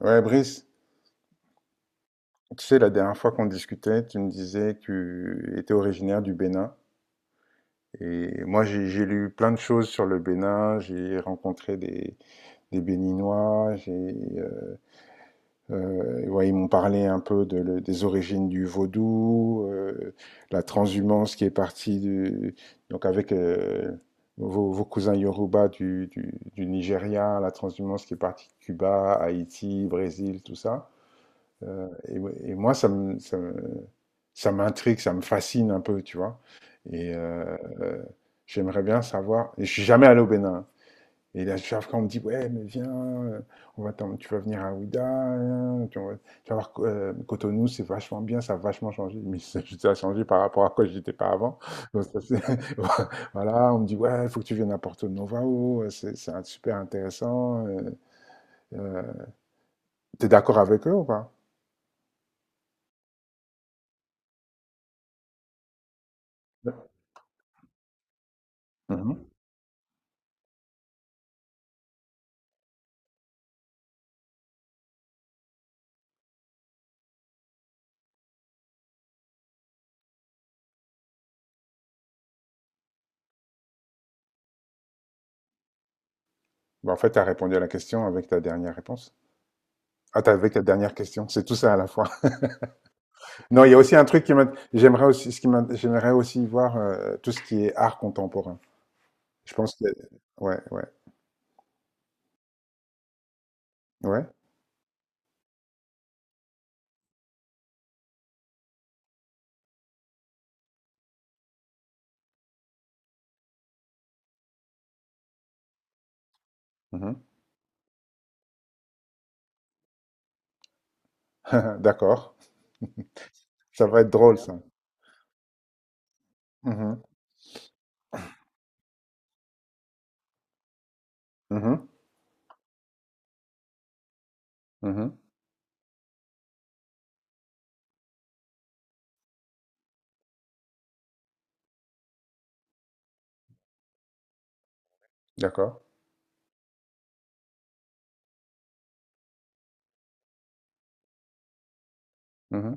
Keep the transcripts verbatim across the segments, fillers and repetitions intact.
Ouais, Brice, tu sais, la dernière fois qu'on discutait, tu me disais que tu étais originaire du Bénin. Et moi, j'ai j'ai lu plein de choses sur le Bénin. J'ai rencontré des, des Béninois. J'ai, euh, euh, ouais, ils m'ont parlé un peu de le- des origines du vaudou, euh, la transhumance qui est partie du, donc avec euh, vos, vos cousins Yoruba du, du, du Nigeria, la transhumance qui est partie de Cuba, Haïti, Brésil, tout ça. Euh, et, ouais, et moi, ça me, ça me- ça m'intrigue, ça me fascine un peu, tu vois. Et euh, euh, J'aimerais bien savoir. Et je suis jamais allé au Bénin, hein. Et là, chaque fois, on me dit, ouais, mais viens, euh, on va t'em- tu vas venir à Ouidah, hein, tu vas, tu vas voir euh, Cotonou, c'est vachement bien, ça a vachement changé. Mais ça, ça a changé par rapport à quoi j'étais pas avant. Donc, ça, c'est- voilà, on me dit, ouais, il faut que tu viennes à Porto Novao, c'est c'est un- super intéressant. euh, euh, T'es d'accord avec eux ou pas? Mhm. Bah, en fait, tu as répondu à la question avec ta dernière réponse. Ah, t'as- avec ta dernière question, c'est tout ça à la fois. Non, il y a aussi un truc qui m'a- j'aimerais aussi, ce qui m'a- j'aimerais aussi voir euh, tout ce qui est art contemporain. Je pense que, ouais, ouais, ouais. Mhm. D'accord. Ça va être drôle ça. Mhm, mhm, mhm. D'accord. Mhm.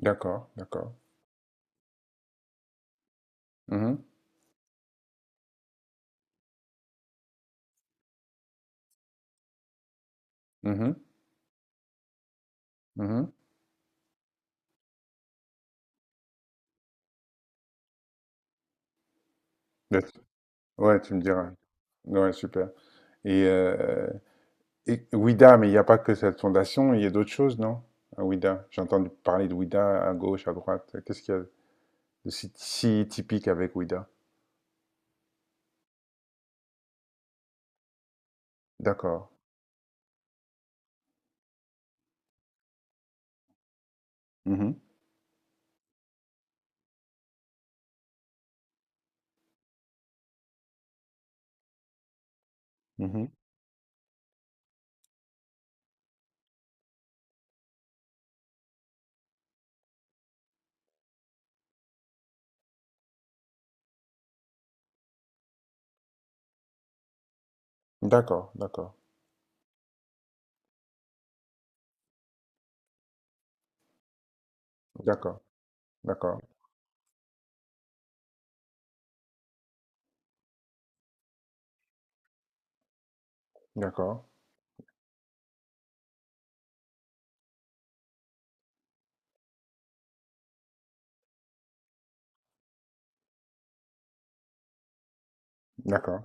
D'accord, d'accord. Mhm, mhm, mhm. Yes. Ouais, tu me diras. Ouais, super. Et euh, Et Ouida, mais il n'y a pas que cette fondation, il y a d'autres choses, non? À Ouida. J'ai entendu parler de Ouida à gauche, à droite. Qu'est-ce qu'il y a de si, si typique avec Ouida? D'accord. Mhm, mhm. D'accord, d'accord, d'accord, d'accord, d'accord, d'accord,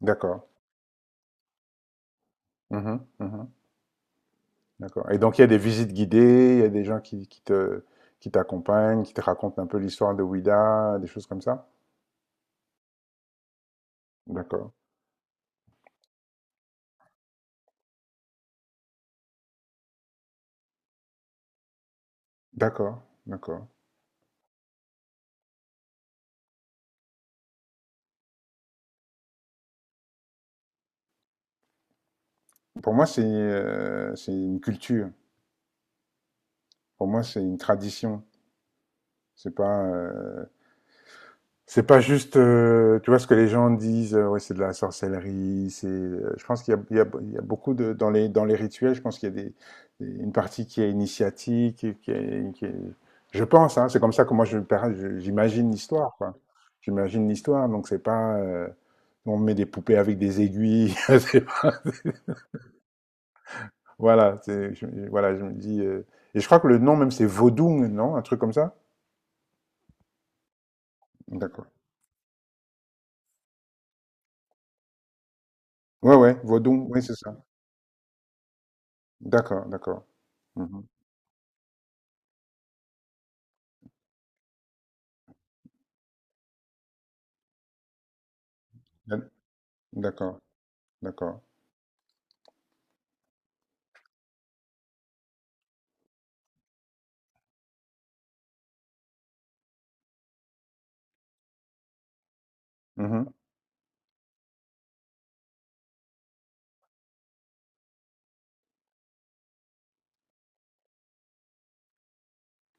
d'accord. Mhm, mhm, d'accord. Et donc il y a des visites guidées, il y a des gens qui, qui te, qui t'accompagnent, qui te racontent un peu l'histoire de Ouida, des choses comme ça? D'accord, d'accord, d'accord. Pour moi, c'est euh, c'est une culture. Pour moi, c'est une tradition. C'est pas, euh, c'est pas juste, euh, tu vois, ce que les gens disent, euh, ouais, c'est de la sorcellerie, c'est, euh, je pense qu'il y a, il y a- il y a beaucoup de, dans les, dans les rituels, je pense qu'il y a des, des- une partie qui est initiatique, et qui est, qui est- je pense, hein, c'est comme ça que moi je, perçois- je- j'imagine l'histoire, quoi. J'imagine l'histoire, donc c'est pas, euh, on met des poupées avec des aiguilles, c'est pas- voilà, c'est, je, je- voilà, je me dis, euh, et je crois que le nom même c'est Vodou, non, un truc comme ça? D'accord. Ouais, ouais, Vodou, oui, c'est ça. D'accord, d'accord. Mhm. D'ac- D'accord, d'accord. Mhm,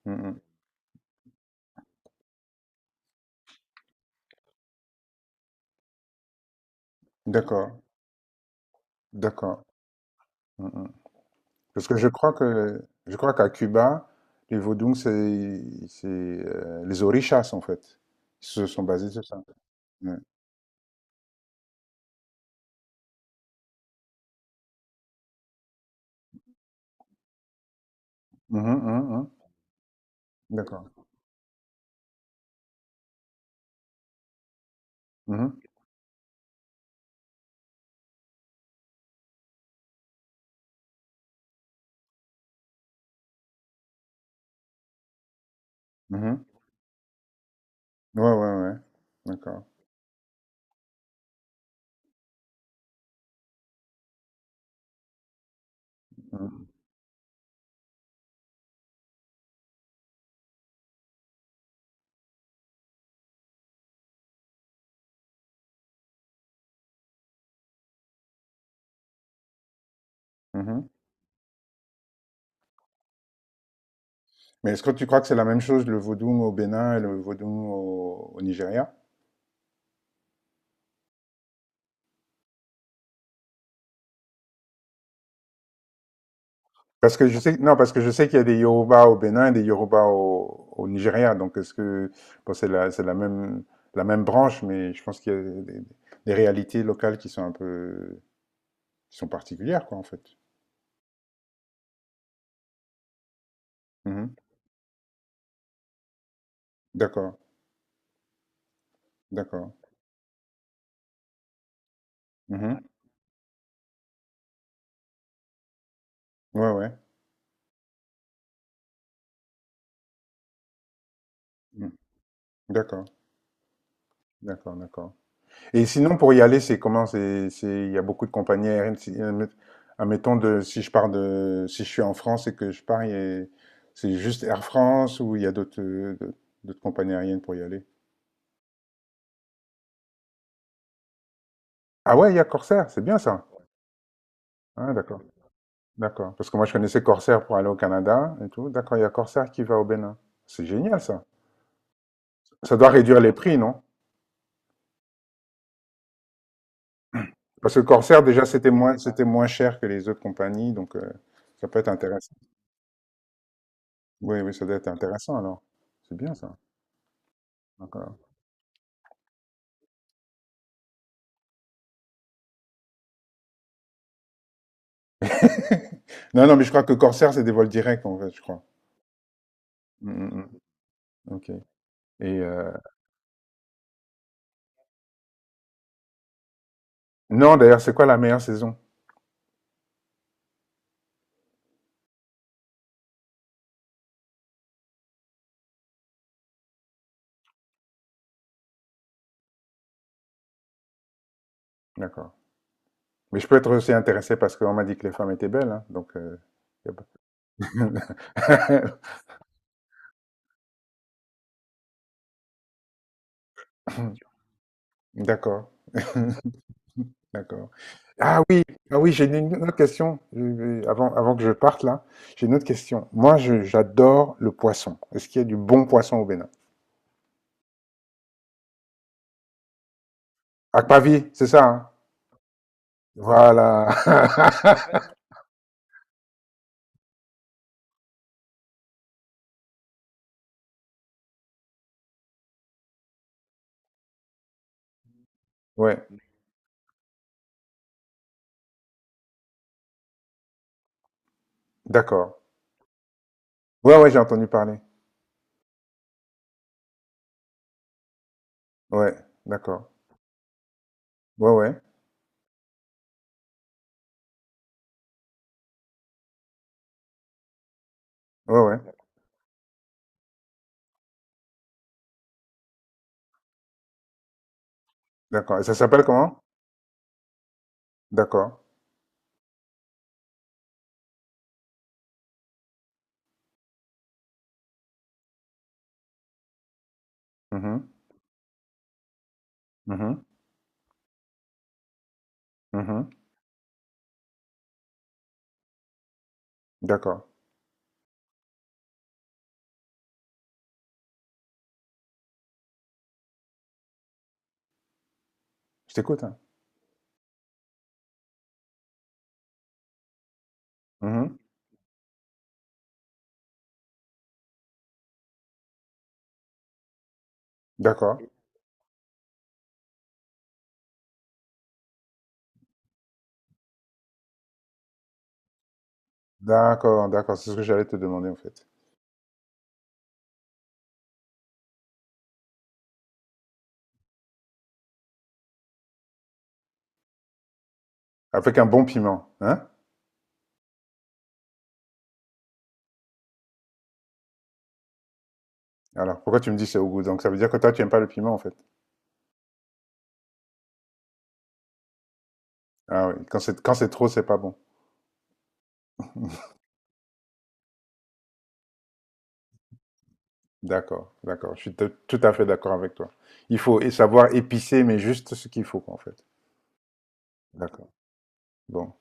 mhm. D'accord, d'accord. Mhm. Parce que je crois que je crois qu'à Cuba, les Vodou, c'est c'est, euh, les orishas en fait. Ils se sont basés sur ça. Ouais. Mhm, mhm, mhm. D'accord. Mhm, mhm. Ouais, ouais, ouais. D'accord. Mhm, mhm. Mais est-ce que tu crois que c'est la même chose le Vodou au Bénin et le Vodou au, au Nigeria? Parce que je sais, non, parce que je sais qu'il y a des Yoruba au Bénin et des Yoruba au, au Nigeria. Donc, est-ce que, bon, c'est la, c'est la même, la même branche, mais je pense qu'il y a des, des réalités locales qui sont un peu, qui sont particulières, quoi, en fait. Mhm. D'accord, d'accord. Mhm. Ouais, ouais. Mhm. D'accord, d'accord, d'accord. Et sinon, pour y aller, c'est comment? C'est, c'est, il y a beaucoup de compagnies aériennes. Si- admet- Admettons de, si je pars de, si je suis en France et que je pars, il y a- c'est juste Air France ou il y a d'autres, euh, d'autres d'autres compagnies aériennes pour y aller. Ah ouais, il y a Corsair, c'est bien ça. Ah, d'accord, d'accord. Parce que moi, je connaissais Corsair pour aller au Canada et tout. D'accord, il y a Corsair qui va au Bénin. C'est génial ça. Ça doit réduire les prix, non? Parce que Corsair, déjà, c'était moins, c'était moins cher que les autres compagnies, donc euh, ça peut être intéressant. Oui, oui, ça doit être intéressant alors. C'est bien ça. D'accord. Non, non, mais je crois que Corsair, c'est des vols directs, en fait, je crois. Mm, mm, mm. Ok. Et euh, non, d'ailleurs, c'est quoi la meilleure saison? D'accord. Mais je peux être aussi intéressé parce qu'on m'a dit que les femmes étaient belles, hein, donc, euh, y a pas- D'accord. D'accord. Ah oui, ah oui, j'ai une une autre question je- avant, avant que je parte là. J'ai une autre question. Moi, je- j'adore le poisson. Est-ce qu'il y a du bon poisson au Bénin? Akpavi, c'est ça, hein. Voilà. Ouais, d'accord. Ouais, ouais, j'ai entendu parler. Ouais, d'accord. Ouais, ouais. Ouais, ouais. D'accord. Et ça s'appelle comment? D'accord. Mhm. Mhm. Mhm. D'accord. Je t'écoute, hein. Mhm. D'accord. D'accord, d'accord. C'est ce que j'allais te demander, en fait. Avec un bon piment, hein? Alors, pourquoi tu me dis c'est au goût? Donc, ça veut dire que toi, tu aimes pas le piment, en fait. Ah oui. Quand c'est, quand c'est trop, c'est pas bon. D'accord, d'accord. Je suis tout tout à fait d'accord avec toi. Il faut savoir épicer, mais juste ce qu'il faut, quoi, en fait. D'accord. Bon.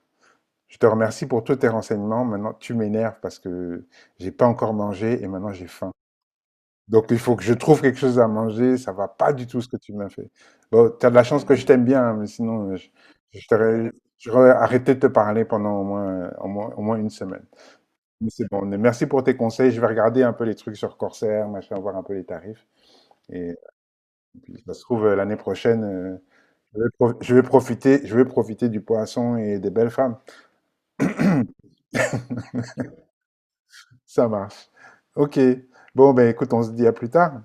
Je te remercie pour tous tes renseignements. Maintenant, tu m'énerves parce que j'ai pas encore mangé et maintenant j'ai faim. Donc, il faut que je trouve quelque chose à manger. Ça va pas du tout ce que tu m'as fait. Bon, tu as de la chance que je t'aime bien, hein, mais sinon, euh, je, je t'aurais, j'aurais arrêté de te parler pendant au moins, euh, au moins, au moins une semaine. Mais c'est bon. Mais merci pour tes conseils. Je vais regarder un peu les trucs sur Corsair, machin, voir un peu les tarifs. Et puis, ça se trouve, euh, l'année prochaine, euh, je vais pro- je vais profiter, je vais profiter du poisson et des belles femmes. Ça marche. OK. Bon, ben écoute, on se dit à plus tard.